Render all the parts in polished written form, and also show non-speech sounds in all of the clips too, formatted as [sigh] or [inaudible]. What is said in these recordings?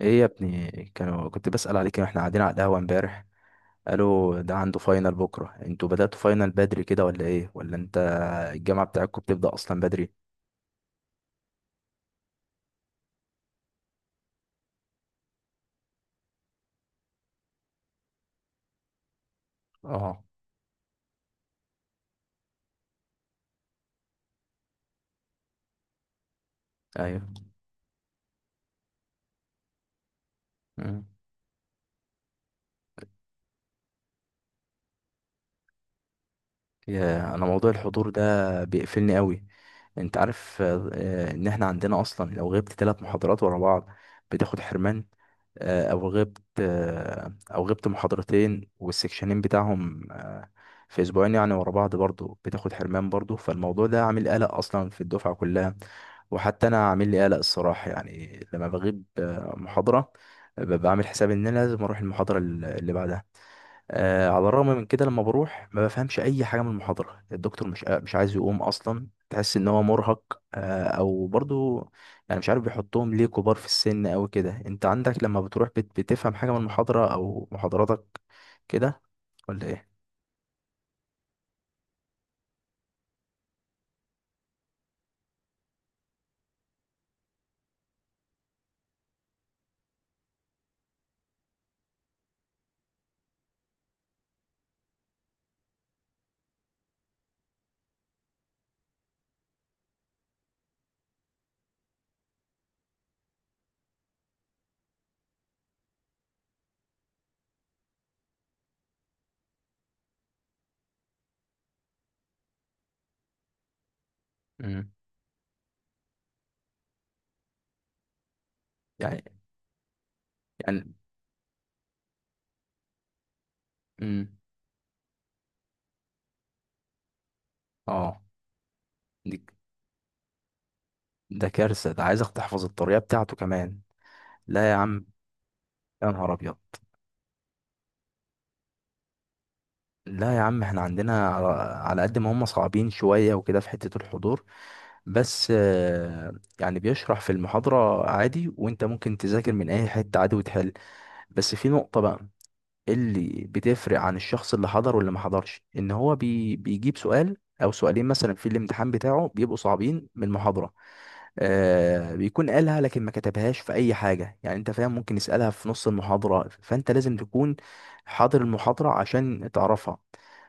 ايه يا ابني، كنت بسأل عليك واحنا قاعدين على القهوة امبارح. قالوا ده عنده فاينل بكرة. انتوا بدأتوا فاينل بدري كده ولا ايه؟ ولا انت الجامعة بتاعتكم بتبدأ اصلا بدري؟ اه. ايوه. مم. يا، انا موضوع الحضور ده بيقفلني قوي. انت عارف ان احنا عندنا اصلا لو غبت ثلاث محاضرات ورا بعض بتاخد حرمان. او غبت محاضرتين والسكشنين بتاعهم في اسبوعين يعني ورا بعض برضو، بتاخد حرمان برضو. فالموضوع ده عامل قلق اصلا في الدفعه كلها، وحتى انا عامل لي قلق الصراحه، يعني لما بغيب محاضره، ببقى عامل حساب ان انا لازم اروح المحاضره اللي بعدها. على الرغم من كده، لما بروح ما بفهمش اي حاجه من المحاضره. الدكتور مش عايز يقوم اصلا، تحس ان هو مرهق او برضو. يعني مش عارف بيحطهم ليه كبار في السن او كده. انت عندك لما بتروح بتفهم حاجه من المحاضره او محاضراتك كده ولا ايه؟ امم. يعني يعني. امم. اه. دي- ده كارثه، ده عايزك تحفظ الطريقه بتاعته كمان. لا يا عم. يا نهار ابيض. لا يا عم، احنا عندنا، على قد ما هم صعبين شوية وكده في حتة الحضور. بس، يعني بيشرح في المحاضرة عادي، وانت ممكن تذاكر من اي حتة عادي وتحل. بس في نقطة بقى اللي بتفرق عن الشخص اللي حضر واللي ما حضرش، ان هو بيجيب سؤال او سؤالين مثلا في الامتحان بتاعه بيبقوا صعبين من المحاضرة. بيكون قالها لكن ما كتبهاش في اي حاجة يعني، انت فاهم؟ ممكن يسألها في نص المحاضرة فانت لازم تكون حاضر المحاضرة عشان تعرفها.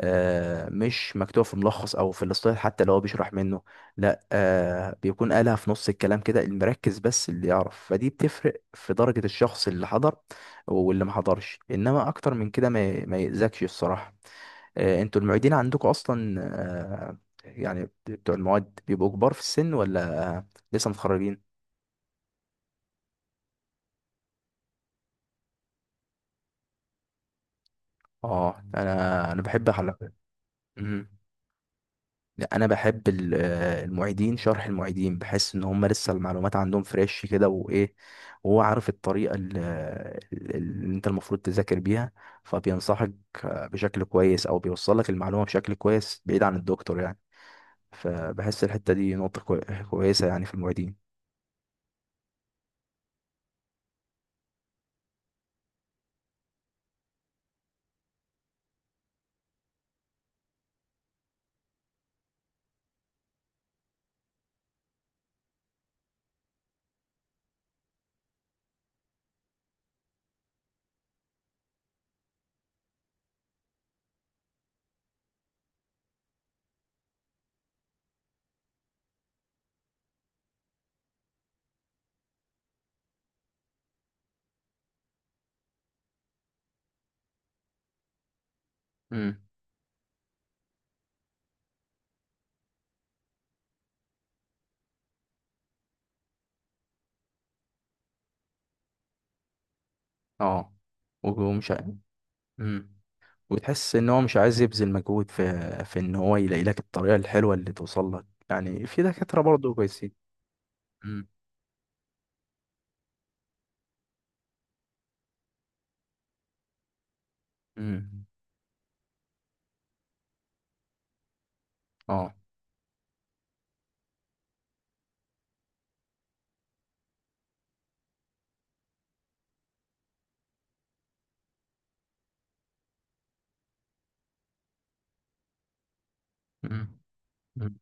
مش مكتوب في ملخص او في الاصطلاح حتى لو هو بيشرح منه. لا، بيكون قالها في نص الكلام كده، المركز بس اللي يعرف، فدي بتفرق في درجة الشخص اللي حضر واللي ما حضرش. انما اكتر من كده ما يأذكش الصراحه. انتوا المعيدين عندكم اصلا، آه، يعني بتوع المواد بيبقوا كبار في السن ولا لسه متخرجين؟ اه، انا بحب حلقة. مم. لا، [laughs] انا بحب المعيدين. شرح المعيدين بحس ان هم لسه المعلومات عندهم فريش كده وايه، وهو عارف الطريقه اللي انت المفروض تذاكر بيها، فبينصحك بشكل كويس، او بيوصل لك المعلومه بشكل كويس بعيد عن الدكتور يعني. فبحس الحتة دي نقطة كويسة يعني في المعيدين. امم. اه. ومش ع- امم. وتحس ان هو مش عايز يبذل مجهود في ان هو يلاقي لك الطريقة الحلوة اللي توصل لك، يعني في دكاترة برضه كويسين. امم. امم. اه. امم. امم.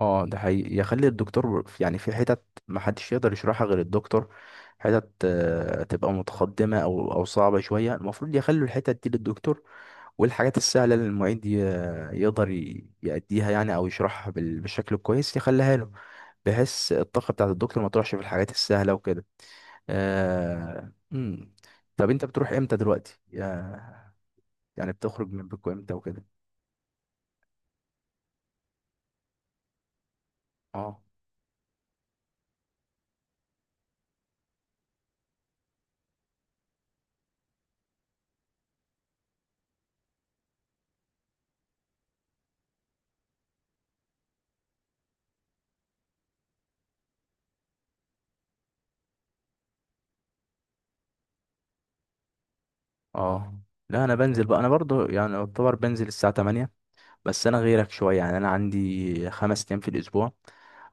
اه، ده حقيقي يخلي الدكتور يعني في حتت محدش يقدر يشرحها غير الدكتور. حتت تبقى متقدمة او صعبة شوية، المفروض يخلوا الحتت دي للدكتور. والحاجات السهلة اللي المعيد يقدر يأديها يعني، أو يشرحها بالشكل الكويس يخليها له، بحيث الطاقة بتاعة الدكتور ما تروحش في الحاجات السهلة وكده. مم. طب أنت بتروح إمتى دلوقتي؟ يعني بتخرج من بيتكم إمتى وكده؟ اه. اه. لا، أنا بنزل بقى، أنا برضو يعني أعتبر بنزل الساعة 8. بس انا غيرك شويه، يعني انا عندي 5 ايام في الاسبوع،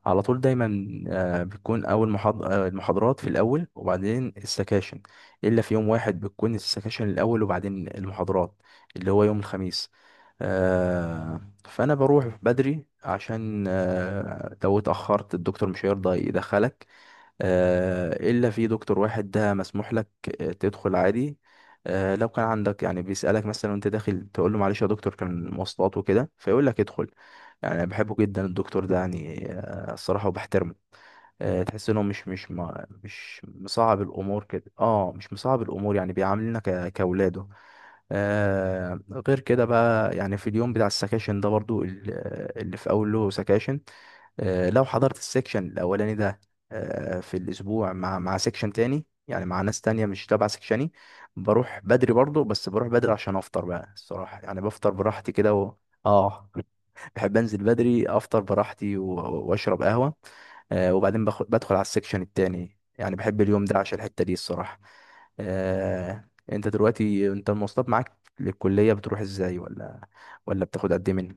على طول دايما بتكون اول المحاضرات في الاول وبعدين السكاشن، الا في يوم واحد بتكون السكاشن الاول وبعدين المحاضرات، اللي هو يوم الخميس. فانا بروح بدري عشان لو اتاخرت الدكتور مش هيرضى يدخلك. إلا في دكتور واحد ده مسموح لك تدخل عادي، لو كان عندك يعني بيسألك مثلا وانت داخل تقول له معلش يا دكتور كان مواصلات وكده فيقول لك ادخل. يعني أنا بحبه جدا الدكتور ده، يعني الصراحة، وبحترمه. تحس انه مش مصعب الامور كده. اه، مش مصعب الامور يعني بيعاملنا كاولاده. آه. غير كده بقى يعني، في اليوم بتاع السكاشن ده برضو اللي في أول له سكاشن، لو حضرت السكشن الأولاني ده في الأسبوع، مع سكشن تاني يعني مع ناس تانية مش تبع سكشني، بروح بدري برضو. بس بروح بدري عشان أفطر بقى الصراحة، يعني بفطر براحتي كده و. اه. [laughs] بحب انزل بدري افطر براحتي و. واشرب قهوة. وبعدين بدخل على السكشن التاني، يعني بحب اليوم ده عشان الحتة دي الصراحة. انت دلوقتي، المواصلات معاك للكلية بتروح ازاي؟ ولا بتاخد قد ايه من.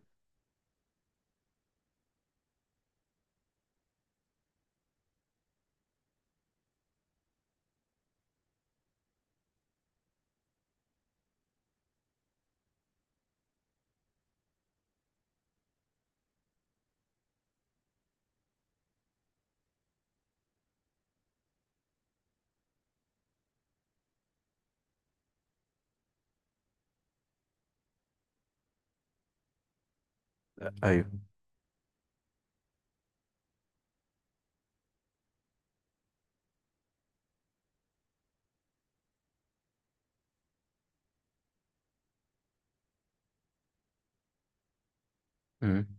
ايوه. امم.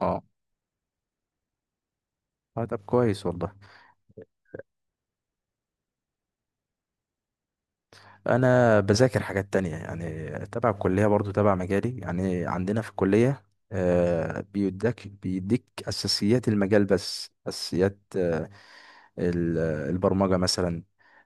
اه. طب كويس والله. انا بذاكر حاجات تانية يعني، تبع الكلية برضو تبع مجالي، يعني عندنا في الكلية بيديك اساسيات المجال، بس اساسيات ال- البرمجة مثلا.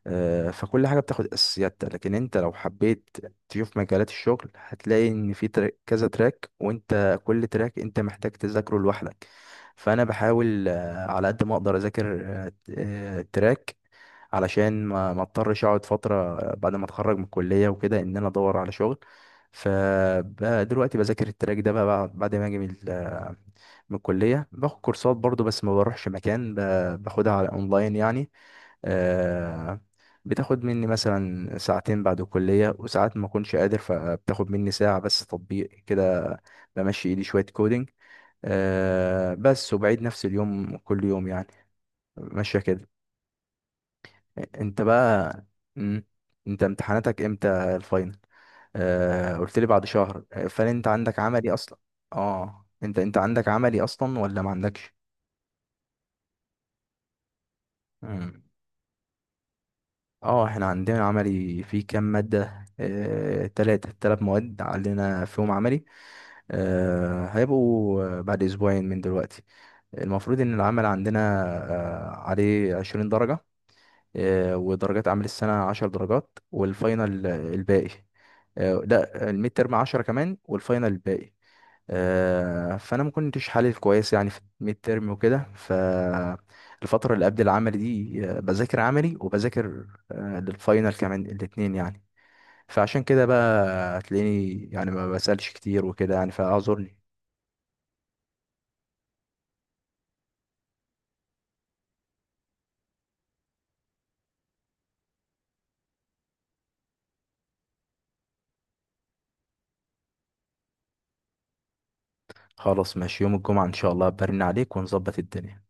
فكل حاجة بتاخد أساسيات، لكن أنت لو حبيت تشوف مجالات الشغل هتلاقي إن في تراك كذا تراك، وأنت كل تراك أنت محتاج تذاكره لوحدك. فأنا بحاول على قد ما أقدر أذاكر تراك، علشان ما اضطرش اقعد فترة بعد ما اتخرج من الكلية وكده، ان انا ادور على شغل. فدلوقتي بذاكر التراك ده بقى بعد ما اجي من من الكلية، باخد كورسات برضو بس ما بروحش مكان، باخدها على اونلاين يعني. آه، بتاخد مني مثلا ساعتين بعد الكلية، وساعات ما اكونش قادر فبتاخد مني ساعة بس تطبيق كده، بمشي ايدي شوية كودينج بس. وبعيد نفس اليوم كل يوم يعني، ماشية كده. انت بقى. مم. انت امتحاناتك امتى الفاينل؟ قلت لي بعد شهر، فهل انت عندك عملي اصلا؟ اه، انت عندك عملي اصلا ولا ما عندكش؟ مم. اه، احنا عندنا عملي في كام مادة؟ تلات مواد عندنا فيهم عملي. هيبقوا بعد أسبوعين من دلوقتي. المفروض إن العمل عندنا عليه 20 درجة، ودرجات عمل السنة 10 درجات والفاينل الباقي. لا، الميد ترم 10 كمان والفاينل الباقي. فانا ما كنتش حالل كويس يعني في الميد ترم وكده، فالفتره اللي قبل العمل دي بذاكر عملي وبذاكر للفاينل كمان، الاتنين يعني. فعشان كده بقى هتلاقيني يعني ما بسالش كتير وكده، يعني فاعذرني. خلاص ماشي، يوم الجمعه ان شاء الله برن عليك ونظبط الدنيا.